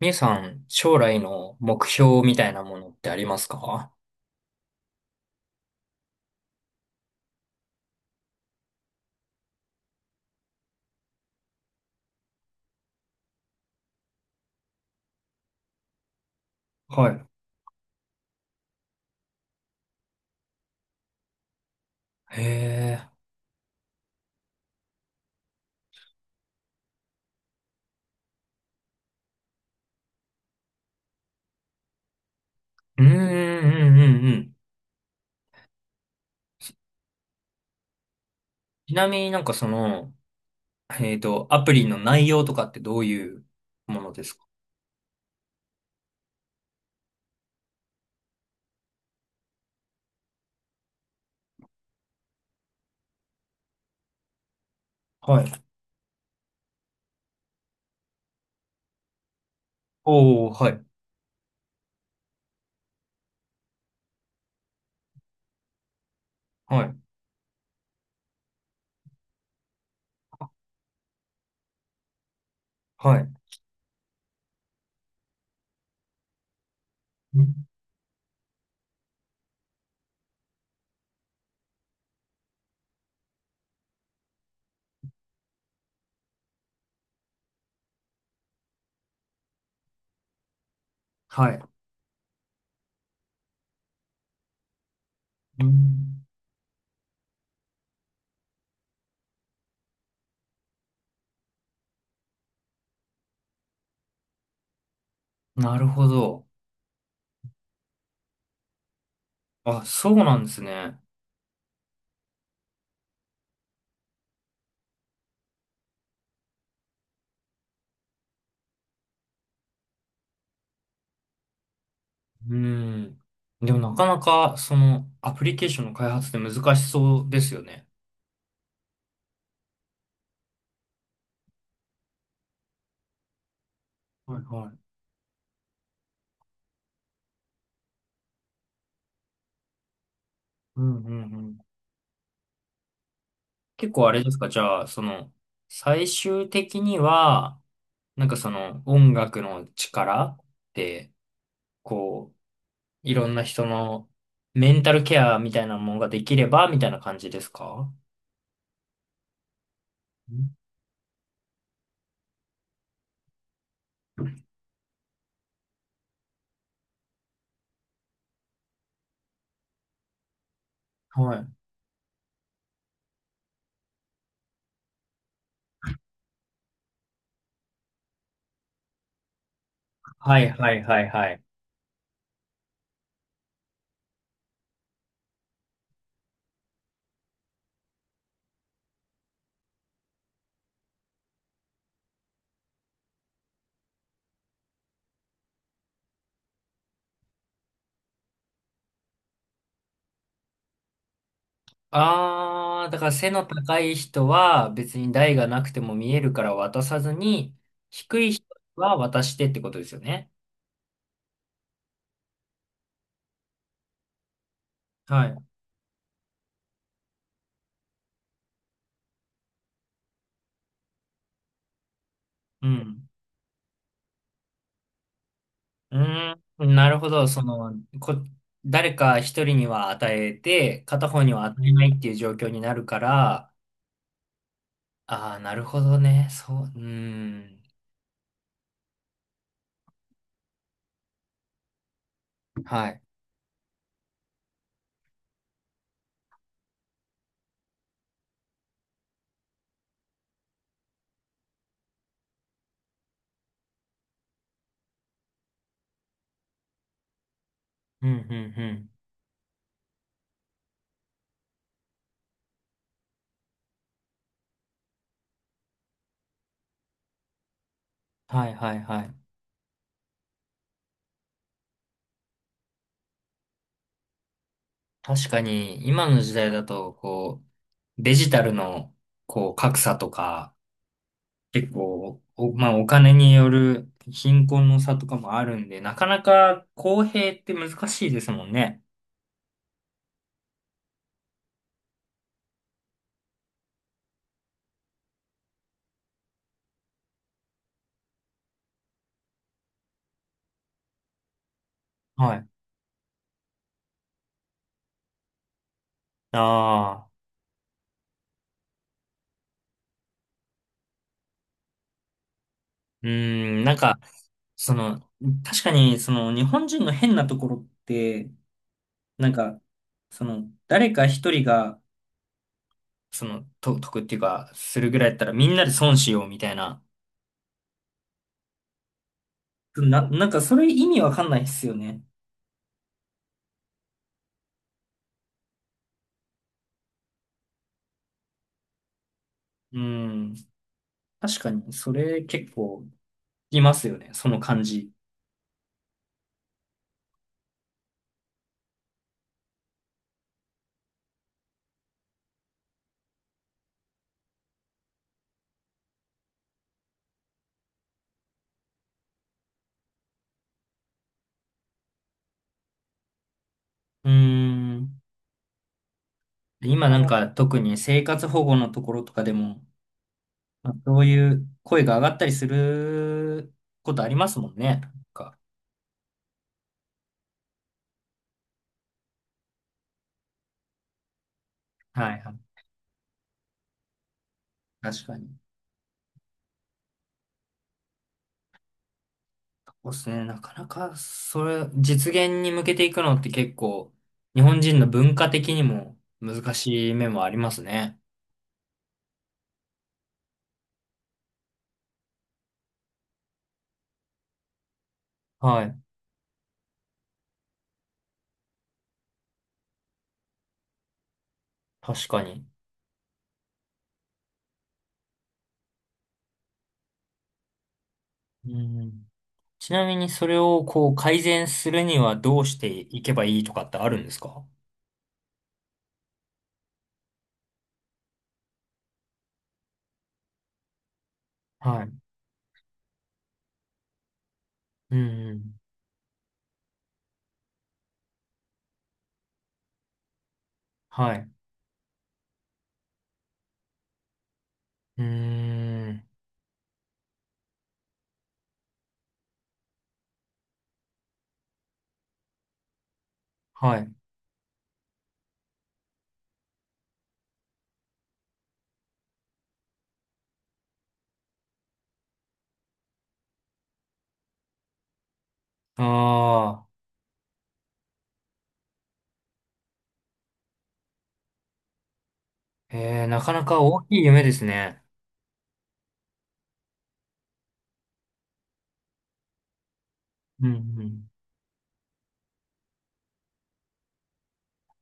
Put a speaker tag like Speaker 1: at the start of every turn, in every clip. Speaker 1: みゆさん、将来の目標みたいなものってありますか？はい。へえ。うん、うん、うん、うん。ちなみになんかその、アプリの内容とかってどういうものですか？はい。おー、はい、はい、はい。うん。はい。うん。なるほど。あ、そうなんですね。うん。でもなかなか、その、アプリケーションの開発って難しそうですよね。はい。はい。うんうん。結構あれですか？じゃあ、その、最終的には、なんかその音楽の力って、こう、いろんな人のメンタルケアみたいなものができれば、みたいな感じですか？ん。はい。はいはいはいはい。あー、だから背の高い人は別に台がなくても見えるから渡さずに、低い人は渡してってことですよね。はい。うん。うーん、なるほど。その、こ、誰か一人には与えて、片方には与えないっていう状況になるから。ああ、なるほどね。そう、うーん。はい。うん、うん、うん。はい、はい、はい。確かに、今の時代だと、こう、デジタルの、こう、格差とか、結構、まあ、お金による貧困の差とかもあるんで、なかなか公平って難しいですもんね。はい。ああ。うーん、なんか、その、確かに、その、日本人の変なところって、なんか、その、誰か一人が、その、得っていうか、するぐらいだったら、みんなで損しようみたいな。なんか、それ意味わかんないっすよね。うーん、確かに、それ結構、いますよね、その感じ。うーん、今なんか、特に生活保護のところとかでも、まあ、そういう声が上がったりすることありますもんね。なんか、はいはい。確かに。そうですね。なかなか、それ、実現に向けていくのって結構、日本人の文化的にも難しい面もありますね。はい。確かに。うん。ちなみに、それをこう、改善するにはどうしていけばいいとかってあるんですか？はい。うんうん。はい。うーん。はい。ああ。なかなか大きい夢ですね。うんうん。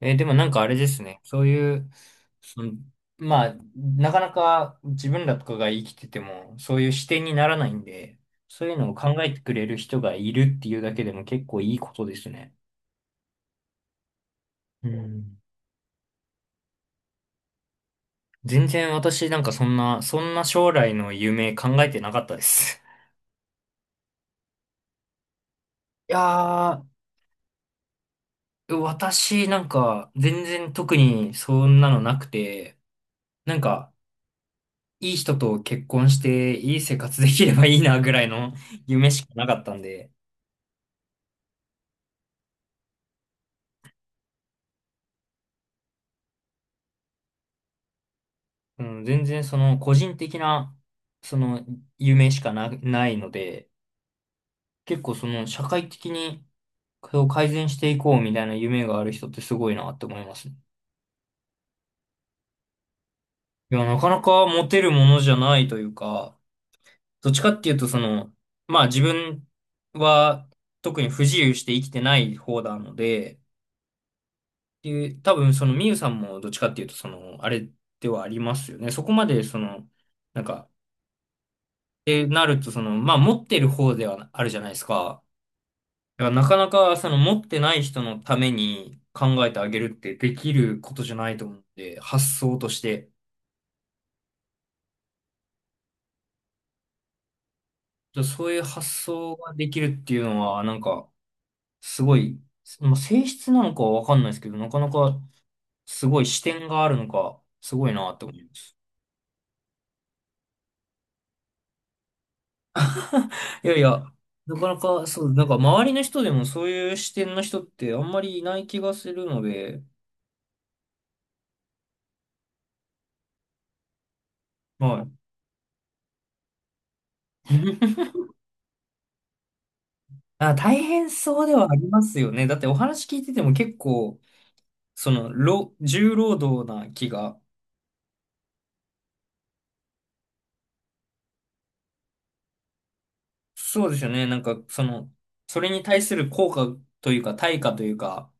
Speaker 1: でもなんかあれですね。そういう、その、まあ、なかなか自分らとかが生きてても、そういう視点にならないんで、そういうのを考えてくれる人がいるっていうだけでも結構いいことですね。うん。全然私なんかそんな将来の夢考えてなかったです。いやー、私なんか全然特にそんなのなくて、なんかいい人と結婚していい生活できればいいなぐらいの 夢しかなかったんで、うん、全然その個人的な、その夢しかないので、結構その社会的にこれを改善していこうみたいな夢がある人ってすごいなって思いますね。いや、なかなか持てるものじゃないというか、どっちかっていうとその、まあ自分は特に不自由して生きてない方なので、っていう多分そのみゆさんもどっちかっていうとその、あれではありますよね。そこまでその、なんか、ってなるとその、まあ持ってる方ではあるじゃないですか。だからなかなかその持ってない人のために考えてあげるってできることじゃないと思うんで、発想として。そういう発想ができるっていうのは、なんか、すごい、まあ、性質なのかはわかんないですけど、なかなかすごい視点があるのか、すごいなって思います。いやいや、なかなか、そう、なんか周りの人でもそういう視点の人ってあんまりいない気がするので。はい。あ、大変そうではありますよね。だってお話聞いてても結構、その、労重労働な気が。そうですよね。なんか、その、それに対する効果というか、対価というか。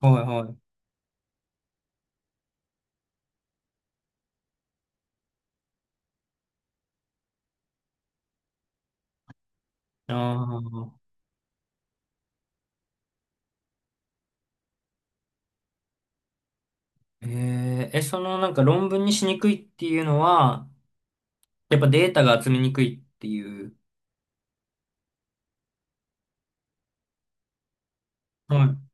Speaker 1: はいはい。ああ、えええ、そのなんか論文にしにくいっていうのは、やっぱデータが集めにくいっていう。はい。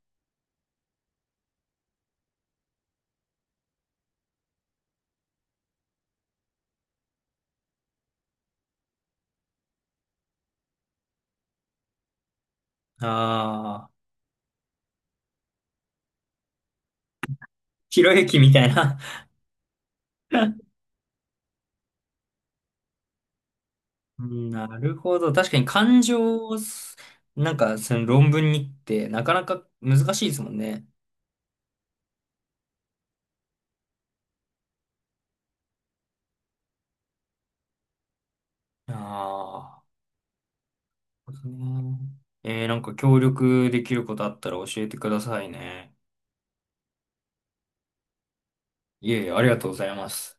Speaker 1: ああ、ひろゆきみたいな。うん。なるほど。確かに感情をす、なんかその論文にってなかなか難しいですもんね。ああ。なんか協力できることあったら教えてくださいね。いえいえ、ありがとうございます。